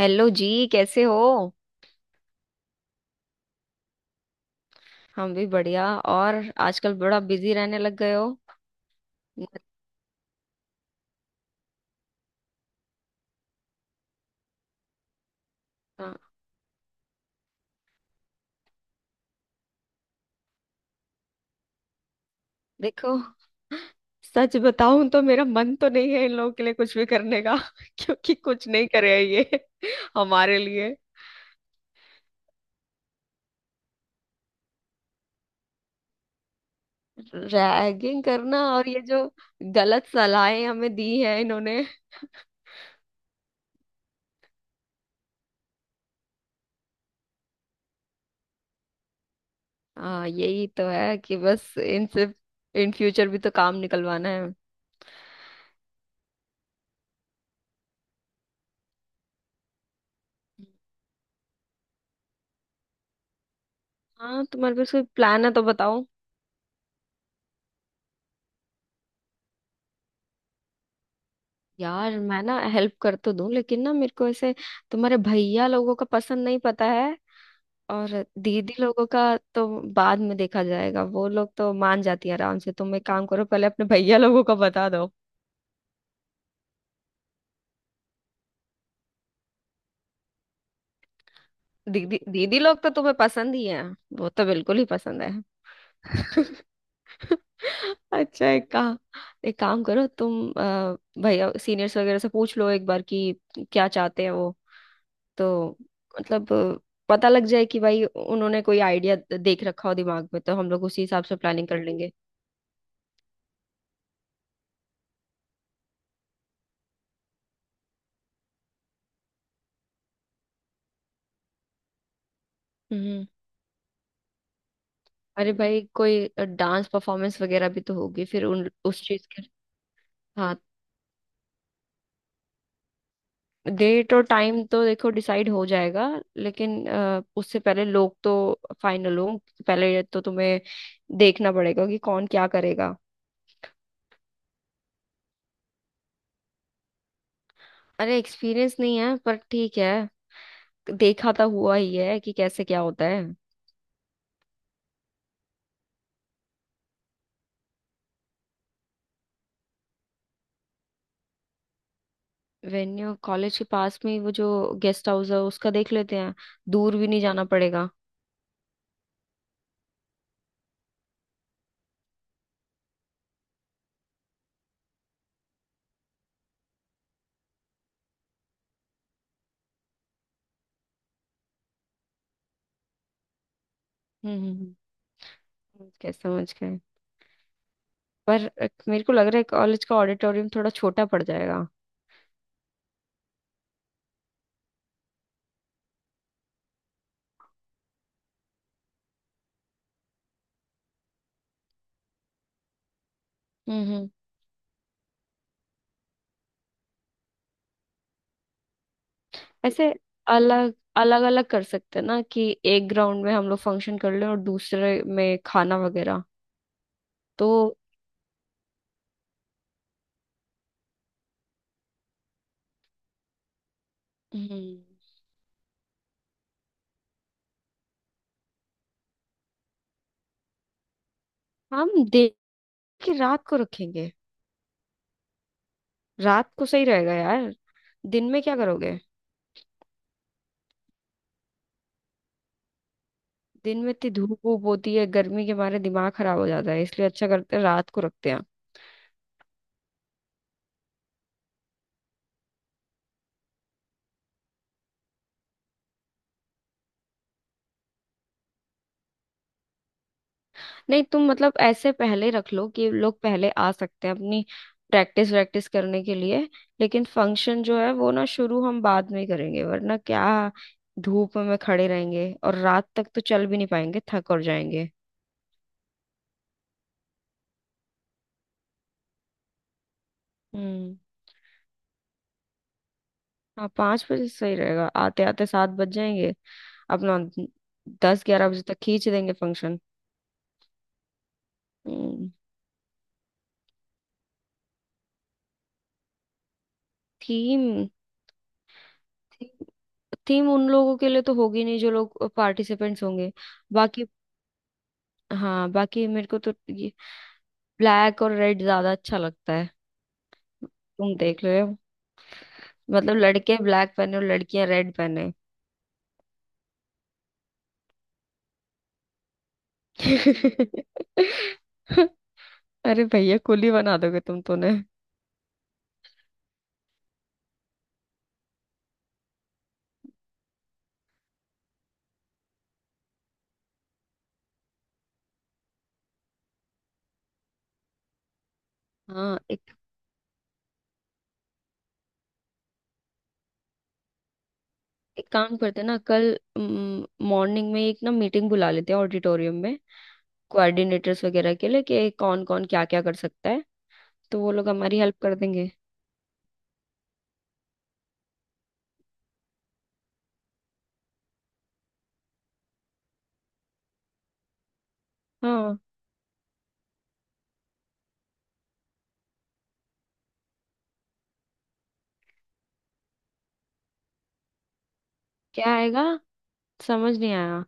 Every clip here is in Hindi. हेलो जी। कैसे हो? हम भी बढ़िया। और आजकल बड़ा बिजी रहने लग गए हो। हाँ। देखो, सच बताऊं तो मेरा मन तो नहीं है इन लोगों के लिए कुछ भी करने का क्योंकि कुछ नहीं करे हैं ये हमारे लिए। रैगिंग करना और ये जो गलत सलाहें हमें दी हैं इन्होंने। हाँ, यही तो है कि बस इनसे इन फ्यूचर भी तो काम निकलवाना है। हाँ, तुम्हारे पास कोई प्लान है तो बताओ। यार, मैं ना हेल्प कर तो दूं लेकिन ना मेरे को ऐसे तुम्हारे भैया लोगों का पसंद नहीं पता है। और दीदी लोगों का तो बाद में देखा जाएगा, वो लोग तो मान जाती है आराम से। तुम एक काम करो, पहले अपने भैया लोगों का बता दो। दीदी दीदी लोग तो तुम्हें पसंद ही है, वो तो बिल्कुल ही पसंद है। अच्छा, एक काम। एक काम करो तुम, भैया सीनियर्स वगैरह से पूछ लो एक बार कि क्या चाहते हैं वो। तो मतलब पता लग जाए कि भाई उन्होंने कोई आइडिया देख रखा हो दिमाग में, तो हम लोग उसी हिसाब से प्लानिंग कर लेंगे। हम्म। अरे भाई, कोई डांस परफॉर्मेंस वगैरह भी तो होगी फिर उन उस चीज के। हाँ, डेट और टाइम तो देखो डिसाइड हो जाएगा, लेकिन उससे पहले लोग तो फाइनल हो। पहले तो तुम्हें देखना पड़ेगा कि कौन क्या करेगा। अरे एक्सपीरियंस नहीं है पर ठीक है, देखा तो हुआ ही है कि कैसे क्या होता है। वेन्यू कॉलेज के पास में ही वो जो गेस्ट हाउस है उसका देख लेते हैं, दूर भी नहीं जाना पड़ेगा। हम्म। क्या समझ गए। पर मेरे को लग रहा है कॉलेज का ऑडिटोरियम थोड़ा छोटा पड़ जाएगा। हम्म। ऐसे अलग अलग अलग कर सकते हैं ना कि एक ग्राउंड में हम लोग फंक्शन कर लें और दूसरे में खाना वगैरह। तो हम्म हम देख के रात को रखेंगे। रात को सही रहेगा यार। दिन में क्या करोगे? दिन में इतनी धूप वूप होती है, गर्मी के मारे दिमाग खराब हो जाता है, इसलिए अच्छा करते हैं रात को रखते हैं। नहीं, तुम मतलब ऐसे पहले रख लो कि लोग पहले आ सकते हैं अपनी प्रैक्टिस वैक्टिस करने के लिए, लेकिन फंक्शन जो है वो ना शुरू हम बाद में करेंगे, वरना क्या धूप में खड़े रहेंगे और रात तक तो चल भी नहीं पाएंगे, थक और जाएंगे। हम्म। हाँ, 5 बजे सही रहेगा, आते आते 7 बज जाएंगे। अपना 10 11 बजे तक खींच देंगे फंक्शन। हम्म। थीम। थीम उन लोगों के लिए तो होगी नहीं जो लोग पार्टिसिपेंट्स होंगे। बाकी। हाँ, बाकी मेरे को तो ये ब्लैक और रेड ज्यादा अच्छा लगता है। तुम देख रहे हो। मतलब लड़के ब्लैक पहने और लड़कियां रेड पहने। अरे भैया, कुली बना दोगे तुम तो ने। हाँ। एक एक काम करते हैं ना, कल मॉर्निंग में एक ना मीटिंग बुला लेते हैं ऑडिटोरियम में, कोऑर्डिनेटर्स वगैरह के लिए कि कौन कौन क्या क्या कर सकता है, तो वो लोग हमारी हेल्प कर देंगे। हाँ। क्या आएगा? समझ नहीं आया।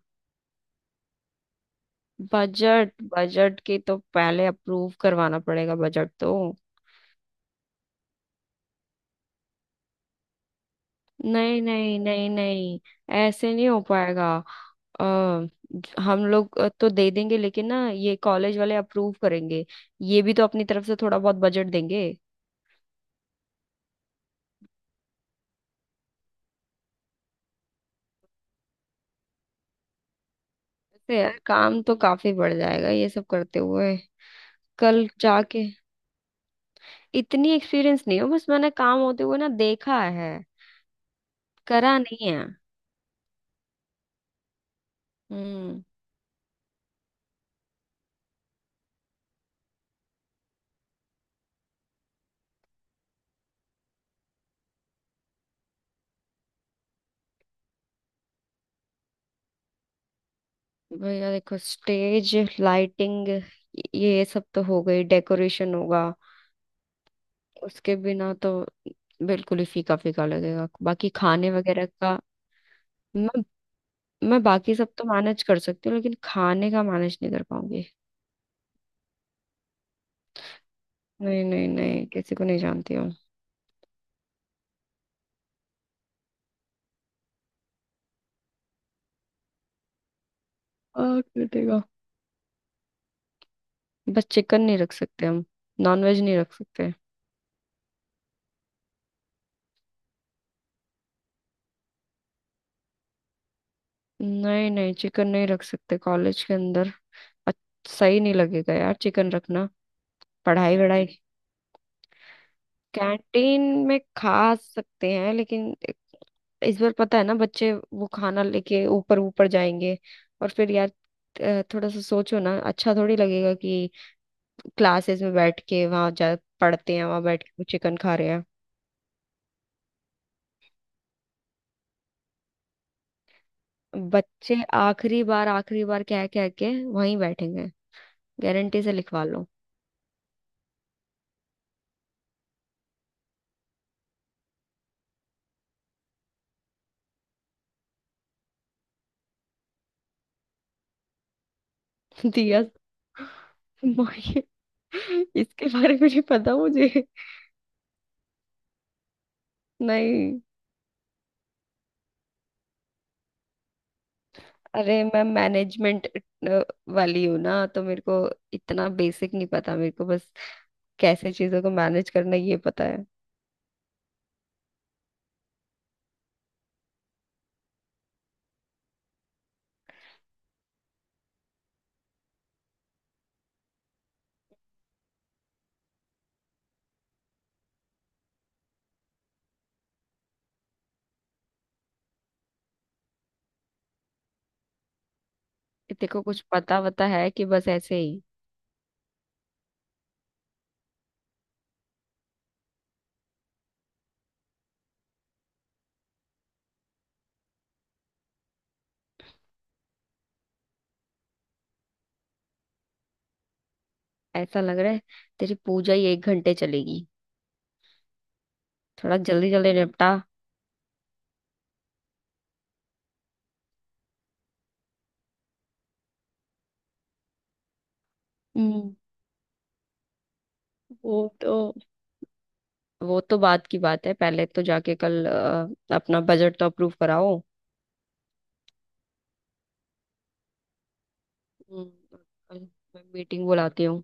बजट? बजट की तो पहले अप्रूव करवाना पड़ेगा बजट तो। नहीं नहीं नहीं नहीं, ऐसे नहीं हो पाएगा। अ, हम लोग तो दे देंगे, लेकिन ना ये कॉलेज वाले अप्रूव करेंगे, ये भी तो अपनी तरफ से थोड़ा बहुत बजट देंगे। तो यार, काम तो काफी बढ़ जाएगा ये सब करते हुए। कल जाके इतनी एक्सपीरियंस नहीं हो, बस मैंने काम होते हुए ना देखा है, करा नहीं है। हम्म। भैया देखो, स्टेज, लाइटिंग, ये सब तो हो गई। डेकोरेशन होगा, उसके बिना तो बिल्कुल ही फीका फीका लगेगा। बाकी खाने वगैरह का मैं मैं बाकी सब तो मैनेज कर सकती हूँ लेकिन खाने का मैनेज नहीं कर पाऊंगी। नहीं नहीं नहीं, किसी को नहीं जानती हूँ। और पिटेगा। बस चिकन नहीं रख सकते हम, नॉनवेज नहीं रख सकते। नहीं नहीं, चिकन नहीं रख सकते कॉलेज के अंदर। सही नहीं लगेगा यार चिकन रखना। पढ़ाई वढ़ाई कैंटीन में खा सकते हैं, लेकिन इस बार पता है ना बच्चे वो खाना लेके ऊपर ऊपर जाएंगे, और फिर यार थोड़ा सा सोचो ना, अच्छा थोड़ी लगेगा कि क्लासेस में बैठ के वहां जा पढ़ते हैं वहां बैठ के वो चिकन खा रहे हैं। बच्चे आखिरी बार कह कह के वहीं बैठेंगे, गारंटी से लिखवा लो। दिया। माहिर, इसके बारे में नहीं पता मुझे। नहीं। अरे मैं मैनेजमेंट वाली हूँ ना, तो मेरे को इतना बेसिक नहीं पता। मेरे को बस कैसे चीजों को मैनेज करना ये पता है। देखो कुछ पता वता है कि बस ऐसे ही? ऐसा लग रहा है तेरी पूजा ही 1 घंटे चलेगी, थोड़ा जल्दी जल्दी निपटा। हम्म। वो तो वो तो बात की बात है, पहले तो जाके कल अपना बजट तो अप्रूव कराओ। हम्म, कल मैं मीटिंग बुलाती हूँ।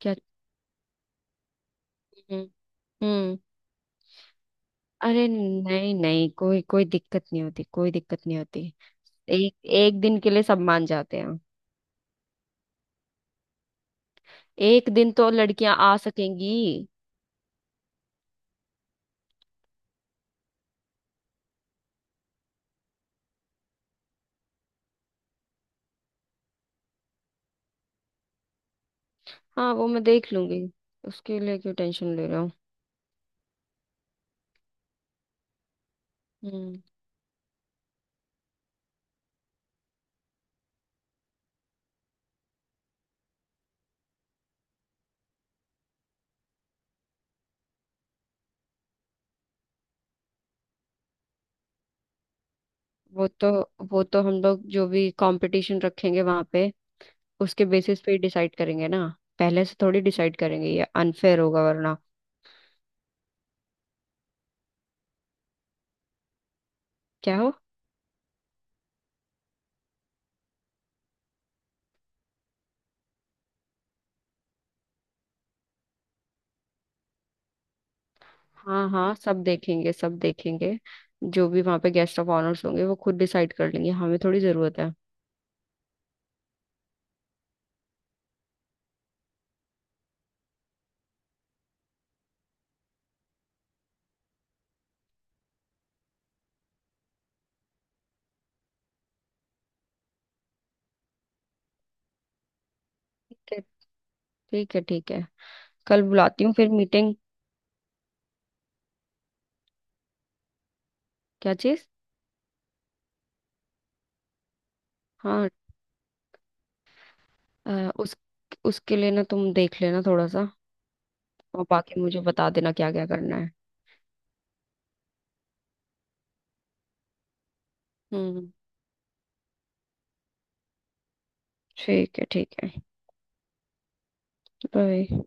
क्या? हम्म हम्म। अरे नहीं नहीं, कोई कोई दिक्कत नहीं होती, कोई दिक्कत नहीं होती। एक एक दिन के लिए सब मान जाते हैं, एक दिन तो लड़कियां आ सकेंगी। हाँ, वो मैं देख लूंगी, उसके लिए क्यों टेंशन ले रहा हूँ। हम्म। वो तो वो तो हम लोग जो भी कंपटीशन रखेंगे वहां पे उसके बेसिस पे ही डिसाइड करेंगे ना, पहले से थोड़ी डिसाइड करेंगे, ये अनफेयर होगा वरना। क्या हो? हाँ हाँ, सब देखेंगे सब देखेंगे। जो भी वहां पे गेस्ट ऑफ ऑनर्स होंगे वो खुद डिसाइड कर लेंगे, हमें थोड़ी जरूरत है। ठीक है ठीक है। कल बुलाती हूँ फिर मीटिंग। क्या चीज़? हाँ अ, उस उसके लिए ना तुम देख लेना थोड़ा सा, और बाकी मुझे बता देना क्या क्या करना है। हम्म। ठीक है ठीक है। बाय।